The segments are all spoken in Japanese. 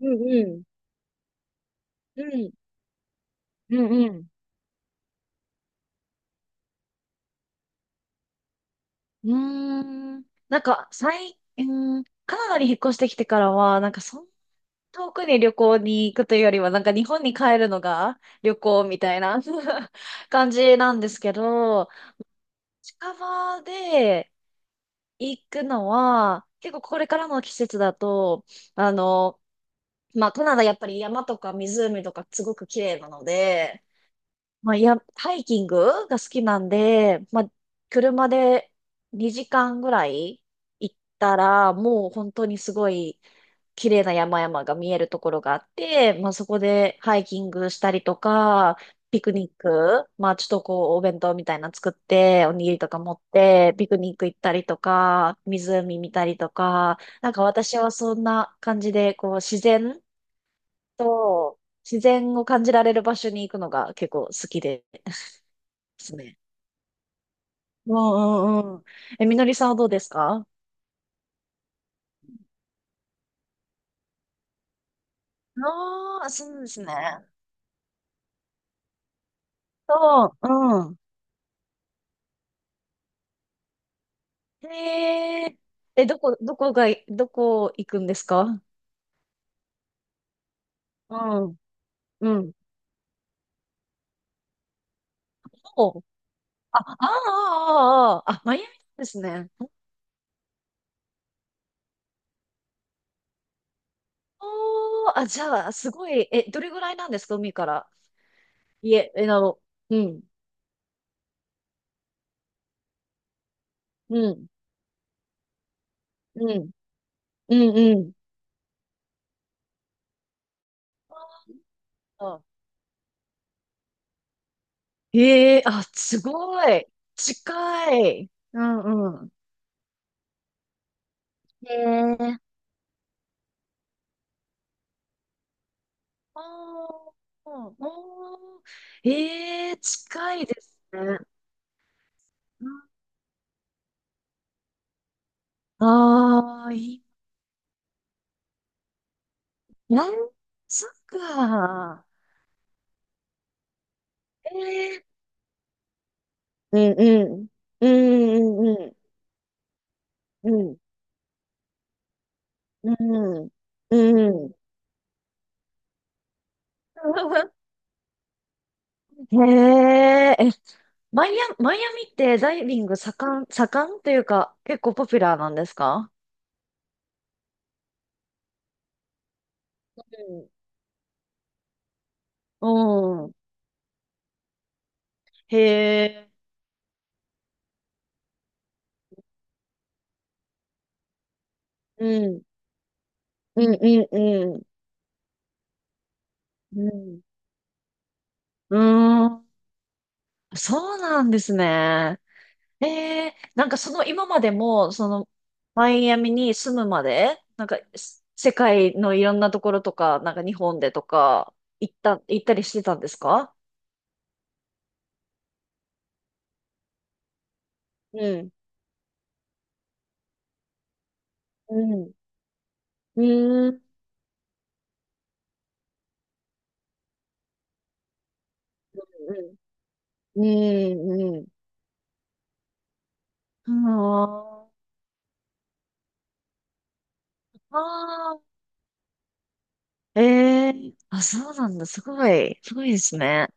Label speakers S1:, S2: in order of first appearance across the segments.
S1: うんうん。うん。うんうん。うーん。なんか、最、うーん、カナダに引っ越してきてからは、なんか、そんな遠くに旅行に行くというよりは、なんか日本に帰るのが旅行みたいな 感じなんですけど、近場で行くのは、結構これからの季節だと、あの、まあ、カナダやっぱり山とか湖とかすごく綺麗なので、まあ、いや、ハイキングが好きなんで、まあ、車で2時間ぐらい行ったら、もう本当にすごい綺麗な山々が見えるところがあって、まあ、そこでハイキングしたりとか、ピクニック、まあ、ちょっとこう、お弁当みたいなの作って、おにぎりとか持って、ピクニック行ったりとか、湖見たりとか、なんか私はそんな感じで、こう、と、自然を感じられる場所に行くのが結構好きでですね。うんうんうん。え、みのりさんはどうですか？ああー、そうですね。そう、うん。へえ。え、どこ行くんですか？うん、うん。お、あ、ああ、ああ、あ、マイアミですね。おー、あ、じゃあ、すごい、え、どれぐらいなんですか、海から？いえ、え、うん、うん、うん、うん、うん。あへえ、あ、すごい。近い。うん、うん。へえ。ああ、あー、ええ近いですね。ああいい。なんつうか。ええうんうん。うんうんうんうんうん。うん。へえ、え、マイアミってダイビング盛ん、盛んというか、結構ポピュラーなんですか？うん。うん。へえ。うん。うんうんうん。うん。うーん。そうなんですね。ええ、なんかその今までも、その、マイアミに住むまで、なんか、世界のいろんなところとか、なんか日本でとか、行ったりしてたんですか？うん。うん。うん。うん。うん。うん。ああー。ええあ、そうなんだ。すごい。すごいですね。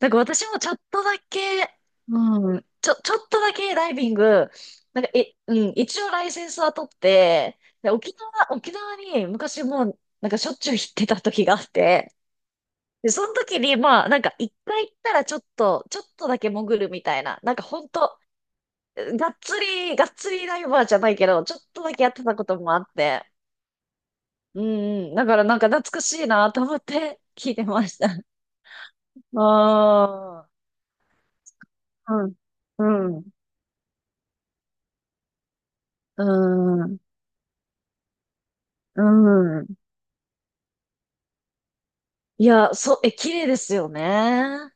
S1: なんか私もちょっとだけ、うん、ちょっとだけダイビング、なんか、え、うん、一応ライセンスは取って、で、沖縄に昔もう、なんかしょっちゅう行ってた時があって、で、その時に、まあ、なんか一回行ったらちょっとだけ潜るみたいな、なんかほんと、がっつりダイバーじゃないけど、ちょっとだけやってたこともあって、うん、うん、だからなんか懐かしいなと思って聞いてました。ああ、うん、うん。うーん。うん。いや、そう、え、綺麗ですよね。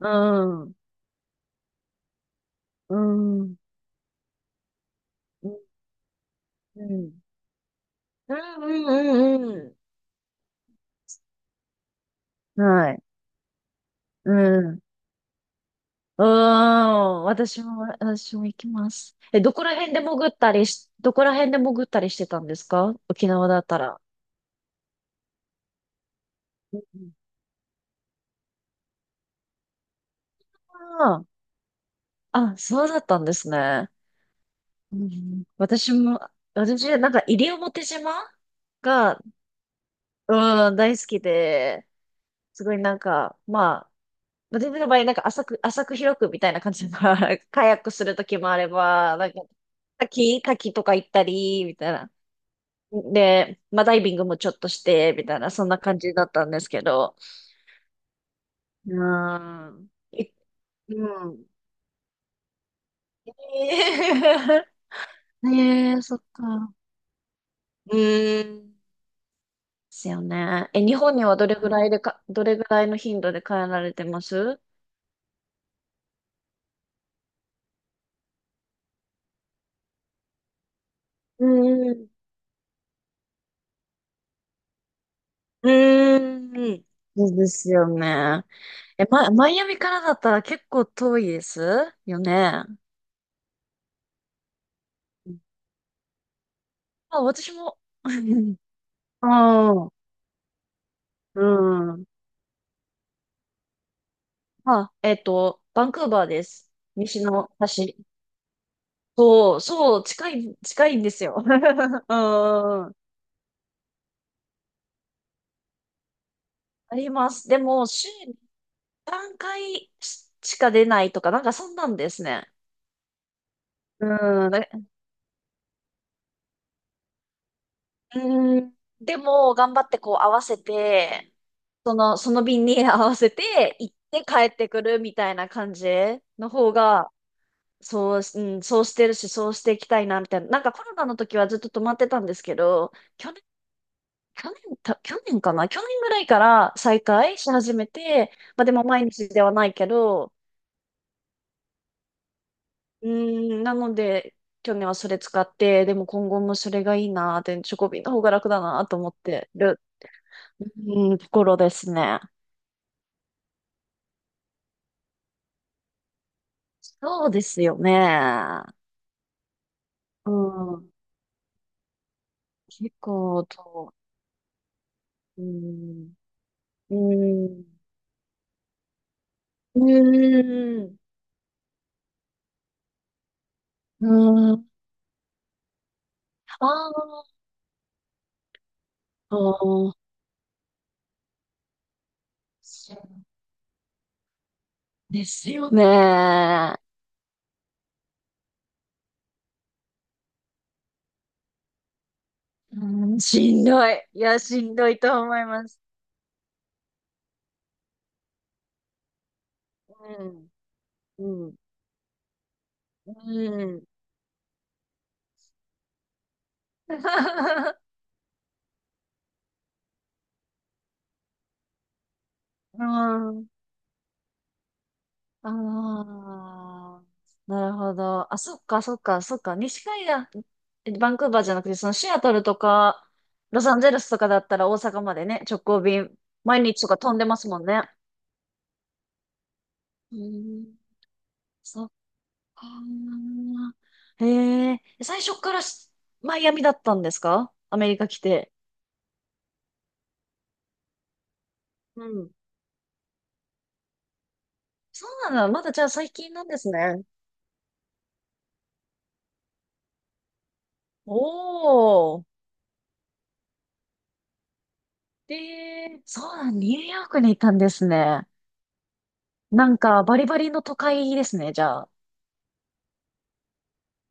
S1: うん。うん。うん。うん。うんうんうん。はい。うん。うん。私も、私も行きます。え、どこら辺で潜ったりしてたんですか、沖縄だったら？うんああ、あ、そうだったんですね。うん私も、私、なんか、西表島が、うん、大好きで、すごいなんか、まあ、まあ全然の場合、なんか浅く広くみたいな感じだから、カヤックするときもあれば、なんか、滝とか行ったり、みたいな。で、まあダイビングもちょっとして、みたいな、そんな感じだったんですけど。うーん。うん。えー ねえ、そっか。うーん。ですよね。え、日本にはどれぐらいの頻度で帰られてます？うんうん。うーん。そうですよね。え、マイアミからだったら結構遠いですよね。うんあ、私も。ああ、うん。あ、えっと、バンクーバーです。西の端。そう、そう、近い、近いんですよ。あんあります。でも、週に3回しか出ないとか、なんかそんなんですね。うん。うん、でも、頑張ってこう合わせて、その、その便に合わせて行って帰ってくるみたいな感じの方が、そう、うん、そうしてるし、そうしていきたいな、みたいな。なんかコロナの時はずっと止まってたんですけど、去年、去年、た去年かな去年ぐらいから再開し始めて、まあでも毎日ではないけど、うん、なので、去年はそれ使って、でも今後もそれがいいなって、チョコビの方が楽だなと思ってる、うん、ところですね。そうですよね。うん。結構と、うーん、うーん、うーん。うーん、あーあー、そうですよね。うん、しんどい。いや、しんどいと思います。うん、うん、うん。うん、ああ、なるほど。あ、そっか、そっか、そっか、西海岸。バンクーバーじゃなくて、そのシアトルとか、ロサンゼルスとかだったら大阪までね、直行便、毎日とか飛んでますもんね。うーん、そっかー。へえ、最初からしマイアミだったんですか、アメリカ来て？うん。そうなんだ。まだじゃあ最近なんですね。おー。で、そうなん、ニューヨークに行ったんですね。なんか、バリバリの都会ですね、じゃあ。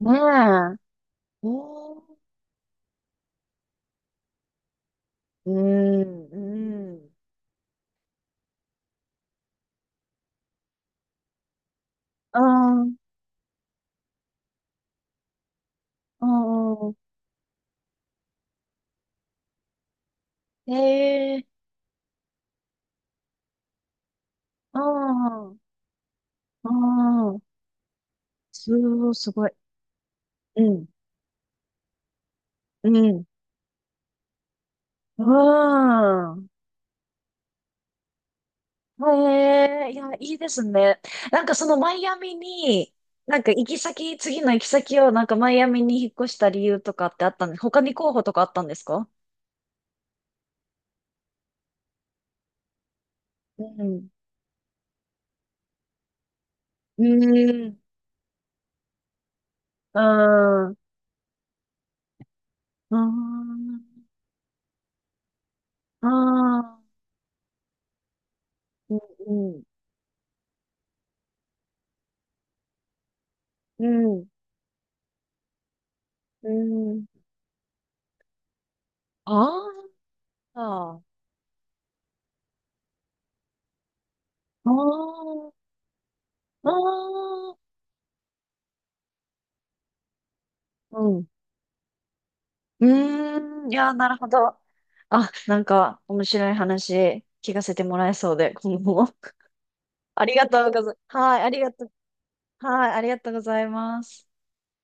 S1: ねえ。おー。うーん、うん。うんうんうん。へえ。うん。うん。すごい、すごい。うん。うん。うん。へえ。いや、いいですね。なんかそのマイアミに、なんか行き先、次の行き先をなんかマイアミに引っ越した理由とかってあったんで、他に候補とかあったんですか？うん。うん。うん。うん。ああ。うん。うん。うん。ああ。ああ。ああ。うん。うーん。いやー、なるほど。あ、なんか、面白い話、聞かせてもらえそうで、今後も。ありがとうございます。はい、ありがとう。はい、ありがとうございます。